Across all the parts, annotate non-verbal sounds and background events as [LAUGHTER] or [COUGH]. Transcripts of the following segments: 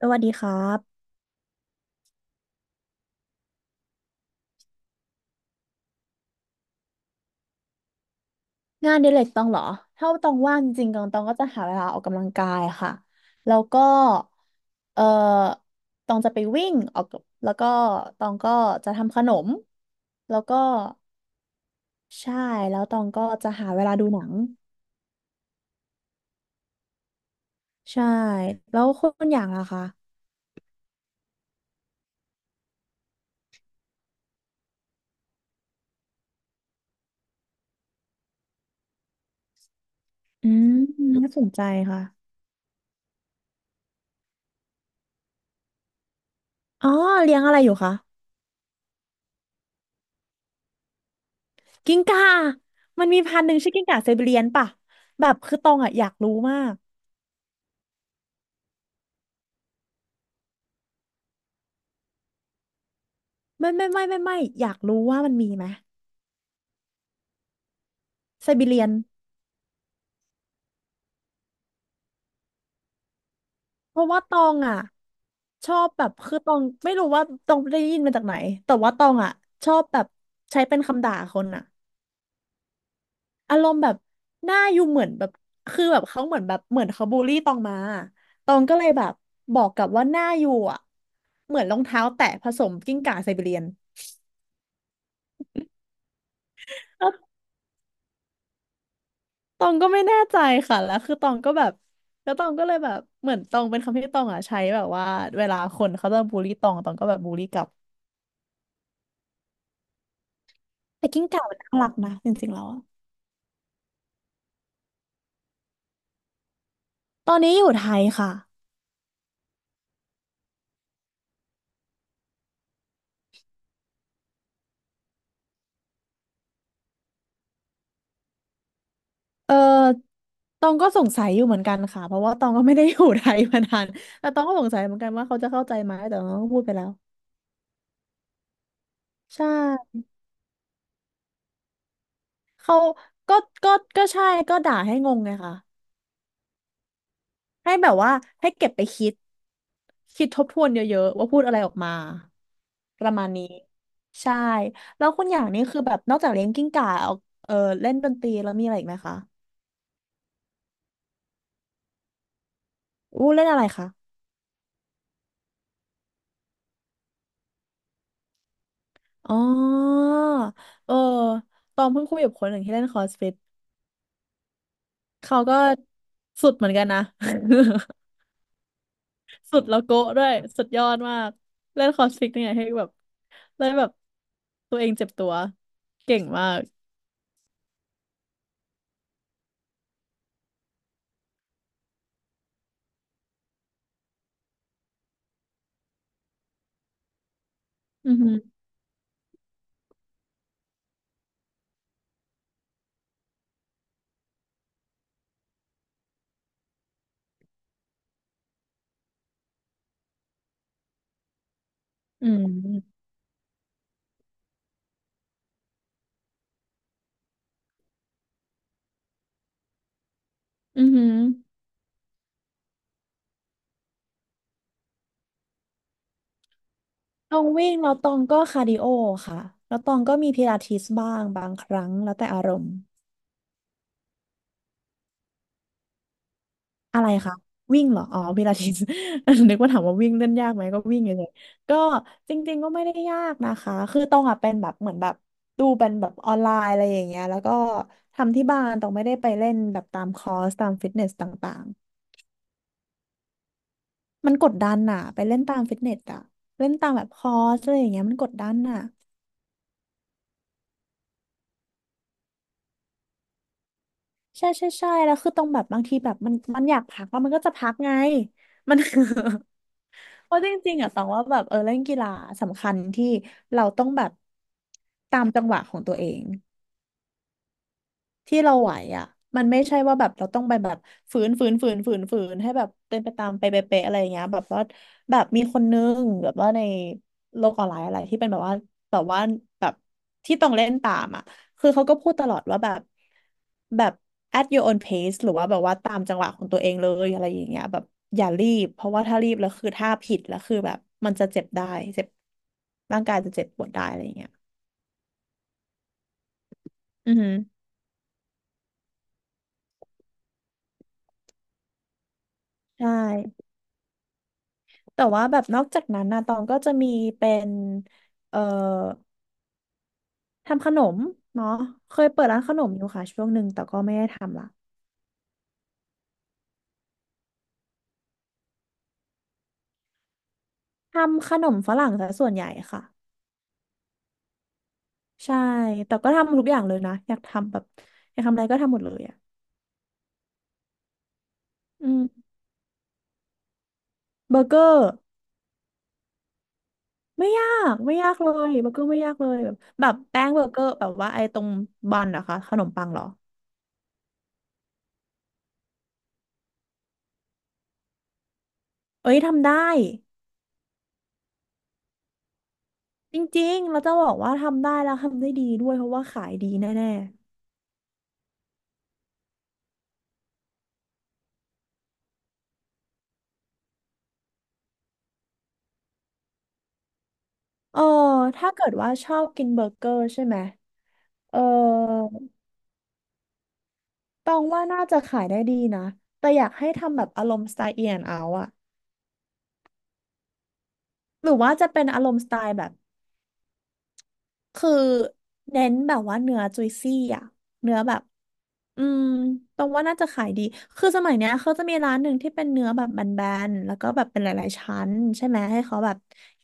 สวัสดีครับงานอดิเรกตองเหรอถ้าตองว่างจริงๆตองก็จะหาเวลาออกกำลังกายค่ะแล้วก็เออตองจะไปวิ่งออกกับแล้วก็ตองก็จะทำขนมแล้วก็ใช่แล้วตองก็จะหาเวลาดูหนังใช่แล้วคุณอย่างล่ะคะอืมน่าสนใจค่ะอ๋อเลี้ยงอะไรอยู่คะกิ้งก่ามันมีพันธุ์หนึ่งชื่อกิ้งก่าไซบีเรียนป่ะแบบคือตองอะอยากรู้มากไม่ไม่ไม่ไม่ไม่อยากรู้ว่ามันมีไหม ไซบีเรียนเพราะว่าตองอ่ะชอบแบบคือตองไม่รู้ว่าตองได้ยินมาจากไหนแต่ว่าตองอ่ะชอบแบบใช้เป็นคำด่าคนอ่ะอารมณ์แบบหน้าอยู่เหมือนแบบคือแบบเขาเหมือนแบบเหมือนเขาบูลลี่ตองมาตองก็เลยแบบบอกกลับว่าหน้าอยู่อ่ะเหมือนรองเท้าแตะผสมกิ้งก่าไซบีเรียนแล้วตองก็ไม่แน่ใจค่ะแล้วคือตองก็แบบแล้วตองก็เลยแบบเหมือนตองเป็นคำที่ตองอ่ะใช้แบบว่าเวลาคนเขาจะบูลลี่ตองตองก็แบบบูลลี่กลับแต่กิ้งก่ามันน่ารักนะจริงๆแล้ว ตอนนี้อยู่ไทยค่ะเออตองก็สงสัยอยู่เหมือนกันค่ะ เพราะว่าตองก็ไม่ได้อยู่ไทยมานาน [LAUGHS] แต่ตองก็สงสัยเหมือนกันว่าเขาจะเข้าใจไหมแต่ตองก็พูดไปแล้วใช่ เขาก็ก็ใช่ก็ด่าให้งงไงค่ะให้แบบว่าให้เก็บไปคิดคิดทบทวนเยอะๆว่าพูดอะไรออกมาประมาณนี้ใช่แล้วคุณอย่างนี้คือแบบนอกจากเลี้ยงกิ้งก่าเอาเออเล่นดนตรีแล้วมีอะไรอีกไหมคะอู้เล่นอะไรคะ อ๋อเออตองเพิ่งคุยกับคนหนึ่งที่เล่นคอสฟิตเขาก็สุดเหมือนกันนะ [LAUGHS] สุดแล้วโกะด้วย สุดยอดมาก เล่นคอสฟิตเนี่ยให้แบบเล่นแบบตัวเองเจ็บตัวเก่งมากอือหืออืมอือหือตองวิ่งแล้วตองก็คาร์ดิโอค่ะ แล้วตองก็มีพิลาทิสบ้างบางครั้งแล้วแต่อารมณ์ อะไรคะวิ่งเหรออ๋อพิลาทิส [LAUGHS] นึกว่าถามว่าวิ่งเล่นยากไหมก็วิ่งเฉยๆก็จริงๆก็ไม่ได้ยากนะคะคือตองอ่ะเป็นแบบเหมือนแบบดูเป็นแบบออนไลน์อะไรอย่างเงี้ยแล้วก็ทำที่บ้านตองไม่ได้ไปเล่นแบบตามคอร์สตามฟิตเนสต่างๆมันกดดันน่ะไปเล่นตามฟิตเนสอะเล่นตามแบบคอร์สอะไรอย่างเงี้ยมันกดดันน่ะใช่ใช่ใช่แล้วคือตองแบบบางทีแบบมันอยากพักแล้วมันก็จะพักไงมัน [LAUGHS] เพราะจริงๆอ่ะตองว่าแบบเล่นกีฬาสำคัญที่เราต้องแบบตามจังหวะของตัวเอง ที่เราไหวอ่ะมันไม่ใช่ว่าแบบเราต้องไปแบบฝืนให้แบบเป็นไปตามไปเป๊ะๆอะไรอย่างเงี้ยแบบว่าแบบมีคนนึงแบบว่าในโลกออนไลน์อะไรที่เป็นแบบว่าแบบว่าแบบที่ต้องเล่นตามอ่ะคือเขาก็พูดตลอดว่าแบบแบบ at your own pace หรือว่าแบบว่าตามจังหวะของตัวเองเลยอะไรอย่างเงี้ยแบบอย่ารีบเพราะว่าถ้ารีบแล้วคือถ้าผิดแล้วคือแบบมันจะเจ็บได้เจ็บร่างกายจะเจ็บปวดได้อะไรอย่างเงี้ยอือฮึใช่ แต่ว่าแบบนอกจากนั้นนะตองก็จะมีเป็นเอ่อทำขนมเนาะเคยเปิดร้านขนมอยู่ค่ะช่วงหนึ่งแต่ก็ไม่ได้ทำละทำขนมฝรั่งซะส่วนใหญ่ค่ะใช่แต่ก็ทำทุกอย่างเลยนะอยากทำแบบอยากทำอะไรก็ทำหมดเลยอ่ะอืมเบอร์เกอร์ไม่ยากไม่ยากเลยเบอร์เกอร์ไม่ยากเลยแบบแบบแป้งเบอร์เกอร์แบบว่าไอ้ตรงบันเหรอะคะขนมปังเหรอเอ้ยทำได้จริงๆเราจะบอกว่าทำได้แล้วทำได้ดีด้วยเพราะว่าขายดีแน่ เออถ้าเกิดว่าชอบกินเบอร์เกอร์ใช่ไหม เออตองว่าน่าจะขายได้ดีนะ แต่อยากให้ทำแบบอารมณ์สไตล์เอียนเอาอะหรือว่าจะเป็นอารมณ์สไตล์แบบ คือเน้นแบบว่าเนื้อจุยซี่อ่ะเนื้อแบบอืมตรงว่าน่าจะขายดีคือสมัยเนี้ยเขาจะมีร้านหนึ่งที่เป็นเนื้อแบบแบนๆแล้วก็แบบเป็นหลายๆชั้นใช่ไหมให้เขาแบบ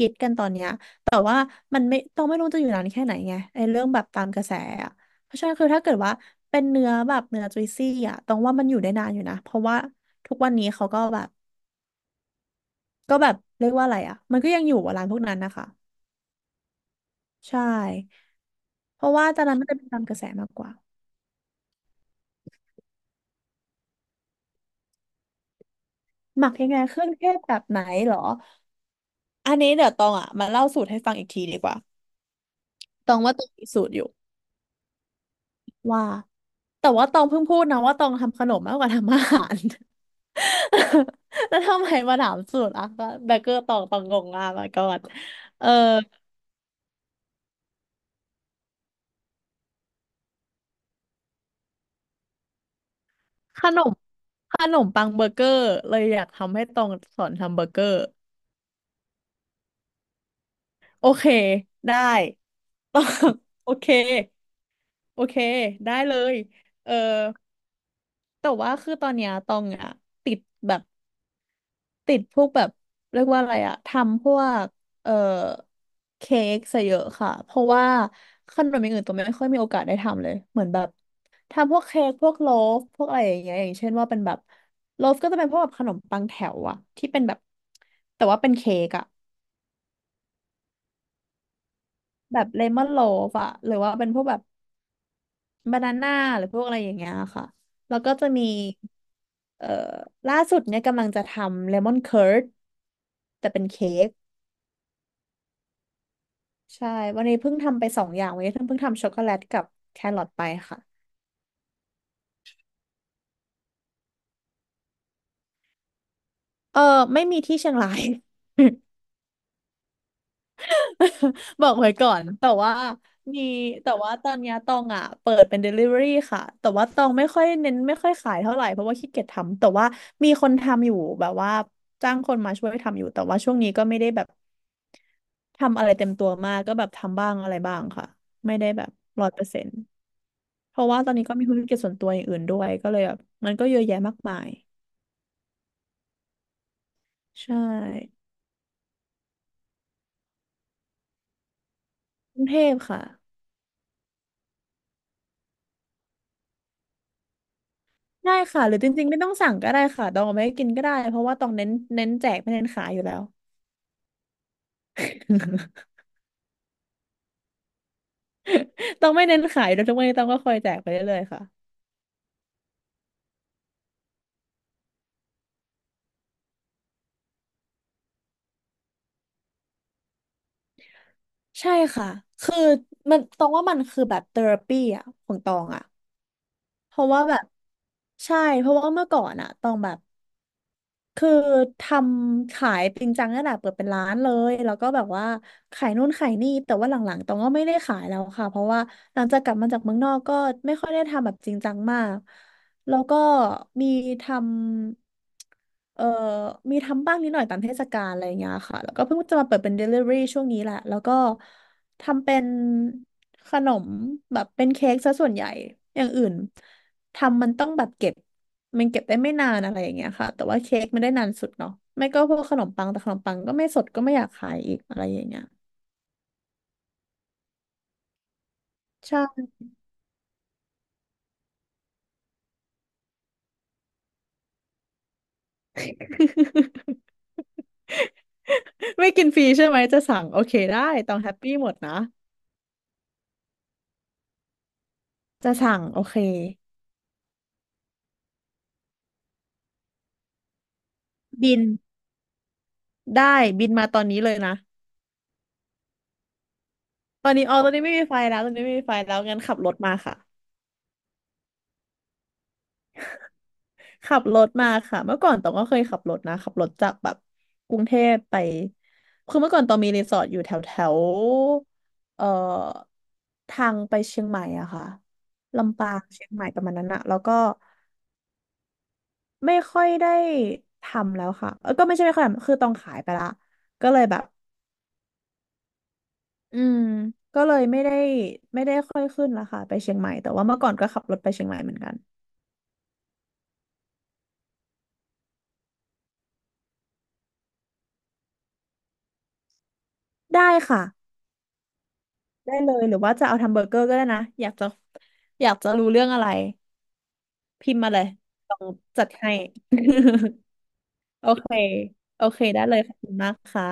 ฮิตกันตอนเนี้ยแต่ว่ามันไม่รู้จะอยู่นานแค่ไหนไงไอ้เรื่องแบบตามกระแสอะเพราะฉะนั้นคือถ้าเกิดว่าเป็นเนื้อแบบเนื้อจุยซี่อ่ะตรงว่ามันอยู่ได้นานอยู่นะเพราะว่าทุกวันนี้เขาก็แบบเรียกว่าอะไรอ่ะมันก็ยังอยู่อะร้านพวกนั้นนะคะใช่เพราะว่าตอนนั้นมันจะเป็นตามกระแสมากกว่า หมักยังไงเครื่องเทศแบบไหนเหรออันนี้เดี๋ยวตองอ่ะมาเล่าสูตรให้ฟังอีกทีดีกว่าตองว่าตองมีสูตรอยู่ว่าแต่ว่าตองเพิ่งพูดนะว่าตองทำขนมมากกว่าทำอาหาร [LAUGHS] แล้วทำไมมาถามสูตรอ่ะเบเกอร์ตองงงมากมาก่อนเออขนมขนมปังเบอร์เกอร์เลยอยากทำให้ตองสอนทำเบอร์เกอร์โอเคได้ [LAUGHS] ตองโอเคโอเคได้เลยเออ แต่ว่าคือตอนเนี้ยตองอะติดแบบติดพวกแบบเรียกว่าอะไรอะทำพวกเอ่อเค้กซะเยอะค่ะเพราะว่าขนมอย่างอื่นตองไม่ค่อยมีโอกาสได้ทำเลยเหมือนแบบทำพวกเค้กพวกโลฟพวกอะไรอย่างเงี้ยอย่างเช่นว่าเป็นแบบโลฟก็จะเป็นพวกแบบขนมปังแถวอะที่เป็นแบบแต่ว่าเป็นเค้กอะแบบเลมอนโลฟอะหรือว่าเป็นพวกแบบ บานาน่าหรือพวกอะไรอย่างเงี้ยค่ะ แล้วก็จะมีเอ่อล่าสุดเนี่ยกำลังจะทำเลมอนเคิร์ดแต่เป็นเค้กใช่วันนี้เพิ่งทำไปสองอย่างวันนี้เพิ่งทำช็อกโกแลตกับแครอทไปค่ะเออไม่มีที่เชียงราย [LAUGHS] บอกไว้ก่อนแต่ว่ามีแต่ว่าตอนเนี้ยตองอ่ะเปิดเป็น Delivery ค่ะแต่ว่าตองไม่ค่อยเน้นไม่ค่อยขายเท่าไหร่เพราะว่าขี้เกียจทำแต่ว่ามีคนทำอยู่แบบว่าจ้างคนมาช่วยทำอยู่แต่ว่าช่วงนี้ก็ไม่ได้แบบ ทำอะไรเต็มตัวมากก็แบบทำบ้างอะไรบ้างค่ะไม่ได้แบบ100%เพราะว่าตอนนี้ก็มีธุรกิจส่วนตัวอย่างอื่นด้วยก็เลยแบบมันก็เยอะแยะมากมายใช่กรุงเทพค่ะได้ค่ะหรือจริงๆไม่ต้องสั่งก็ได้ค่ะตองเอาไม่กินก็ได้เพราะว่าตองเน้นเน้นแจกไม่เน้นขายอยู่แล้ว [LAUGHS] ตองไม่เน้นขายโดยทุกวันนี้ตองก็คอยแจกไปเรื่อยๆค่ะใช่ค่ะคือมันตองว่ามันคือแบบเทอราปีอ่ะของตองอ่ะเพราะว่าแบบใช่เพราะว่าเมื่อก่อนอ่ะตองแบบ คือทำขายจริงจังขนาดเปิดเป็นร้านเลยแล้วก็แบบว่าขายนู่นขายนี่แต่ว่าหลังๆตองก็ไม่ได้ขายแล้วค่ะ เพราะว่าหลังจากกลับมาจากเมืองนอกก็ไม่ค่อยได้ทำแบบจริงจังมาก แล้วก็มีทำมีทำบ้างนิดหน่อยตามเทศกาลอะไรอย่างเงี้ยค่ะแล้วก็เพิ่งจะมาเปิดเป็น Delivery ช่วงนี้แหละแล้วก็ทำเป็นขนมแบบเป็นเค้กซะส่วนใหญ่อย่างอื่นทำมันต้องแบบเก็บ มันเก็บได้ไม่นานอะไรอย่างเงี้ยค่ะแต่ว่าเค้กไม่ได้นานสุดเนาะไม่ก็พวกขนมปังแต่ขนมปังก็ไม่สดก็ไม่อยากขายอีกอะไรอย่างเงี้ยใช่ [LAUGHS] ไม่กินฟรีใช่ไหมจะสั่งโอเคได้ต้องแฮปปี้หมดนะจะสั่งโอเคบินได้บินมาตอนนี้เลยนะตอนนี้อ๋อตอนนี้ไม่มีไฟแล้วตอนนี้ไม่มีไฟแล้วงั้นขับรถมาค่ะ ขับรถมาค่ะเมื่อก่อนตองก็เคยขับรถนะขับรถจากแบบกรุงเทพไปคือเมื่อก่อนตองมีรีสอร์ทอยู่แถวแถวเอ่อทางไปเชียงใหม่อะค่ะลำปางเชียงใหม่ประมาณนั้นอะแล้วก็ไม่ค่อยได้ทำแล้วค่ะเออก็ไม่ใช่ไม่ค่อยทำคือตองขายไปละก็เลยแบบอืมก็เลยไม่ได้ไม่ได้ค่อยขึ้นละค่ะไปเชียงใหม่แต่ว่าเมื่อก่อนก็ขับรถไปเชียงใหม่เหมือนกันได้ค่ะ ได้เลยหรือว่าจะเอาทำเบอร์เกอร์ก็ได้นะอยากจะรู้เรื่องอะไรพิมพ์มาเลยลองจัดให้ [LAUGHS] โอเคโอเคได้เลยขอบคุณมากค่ะ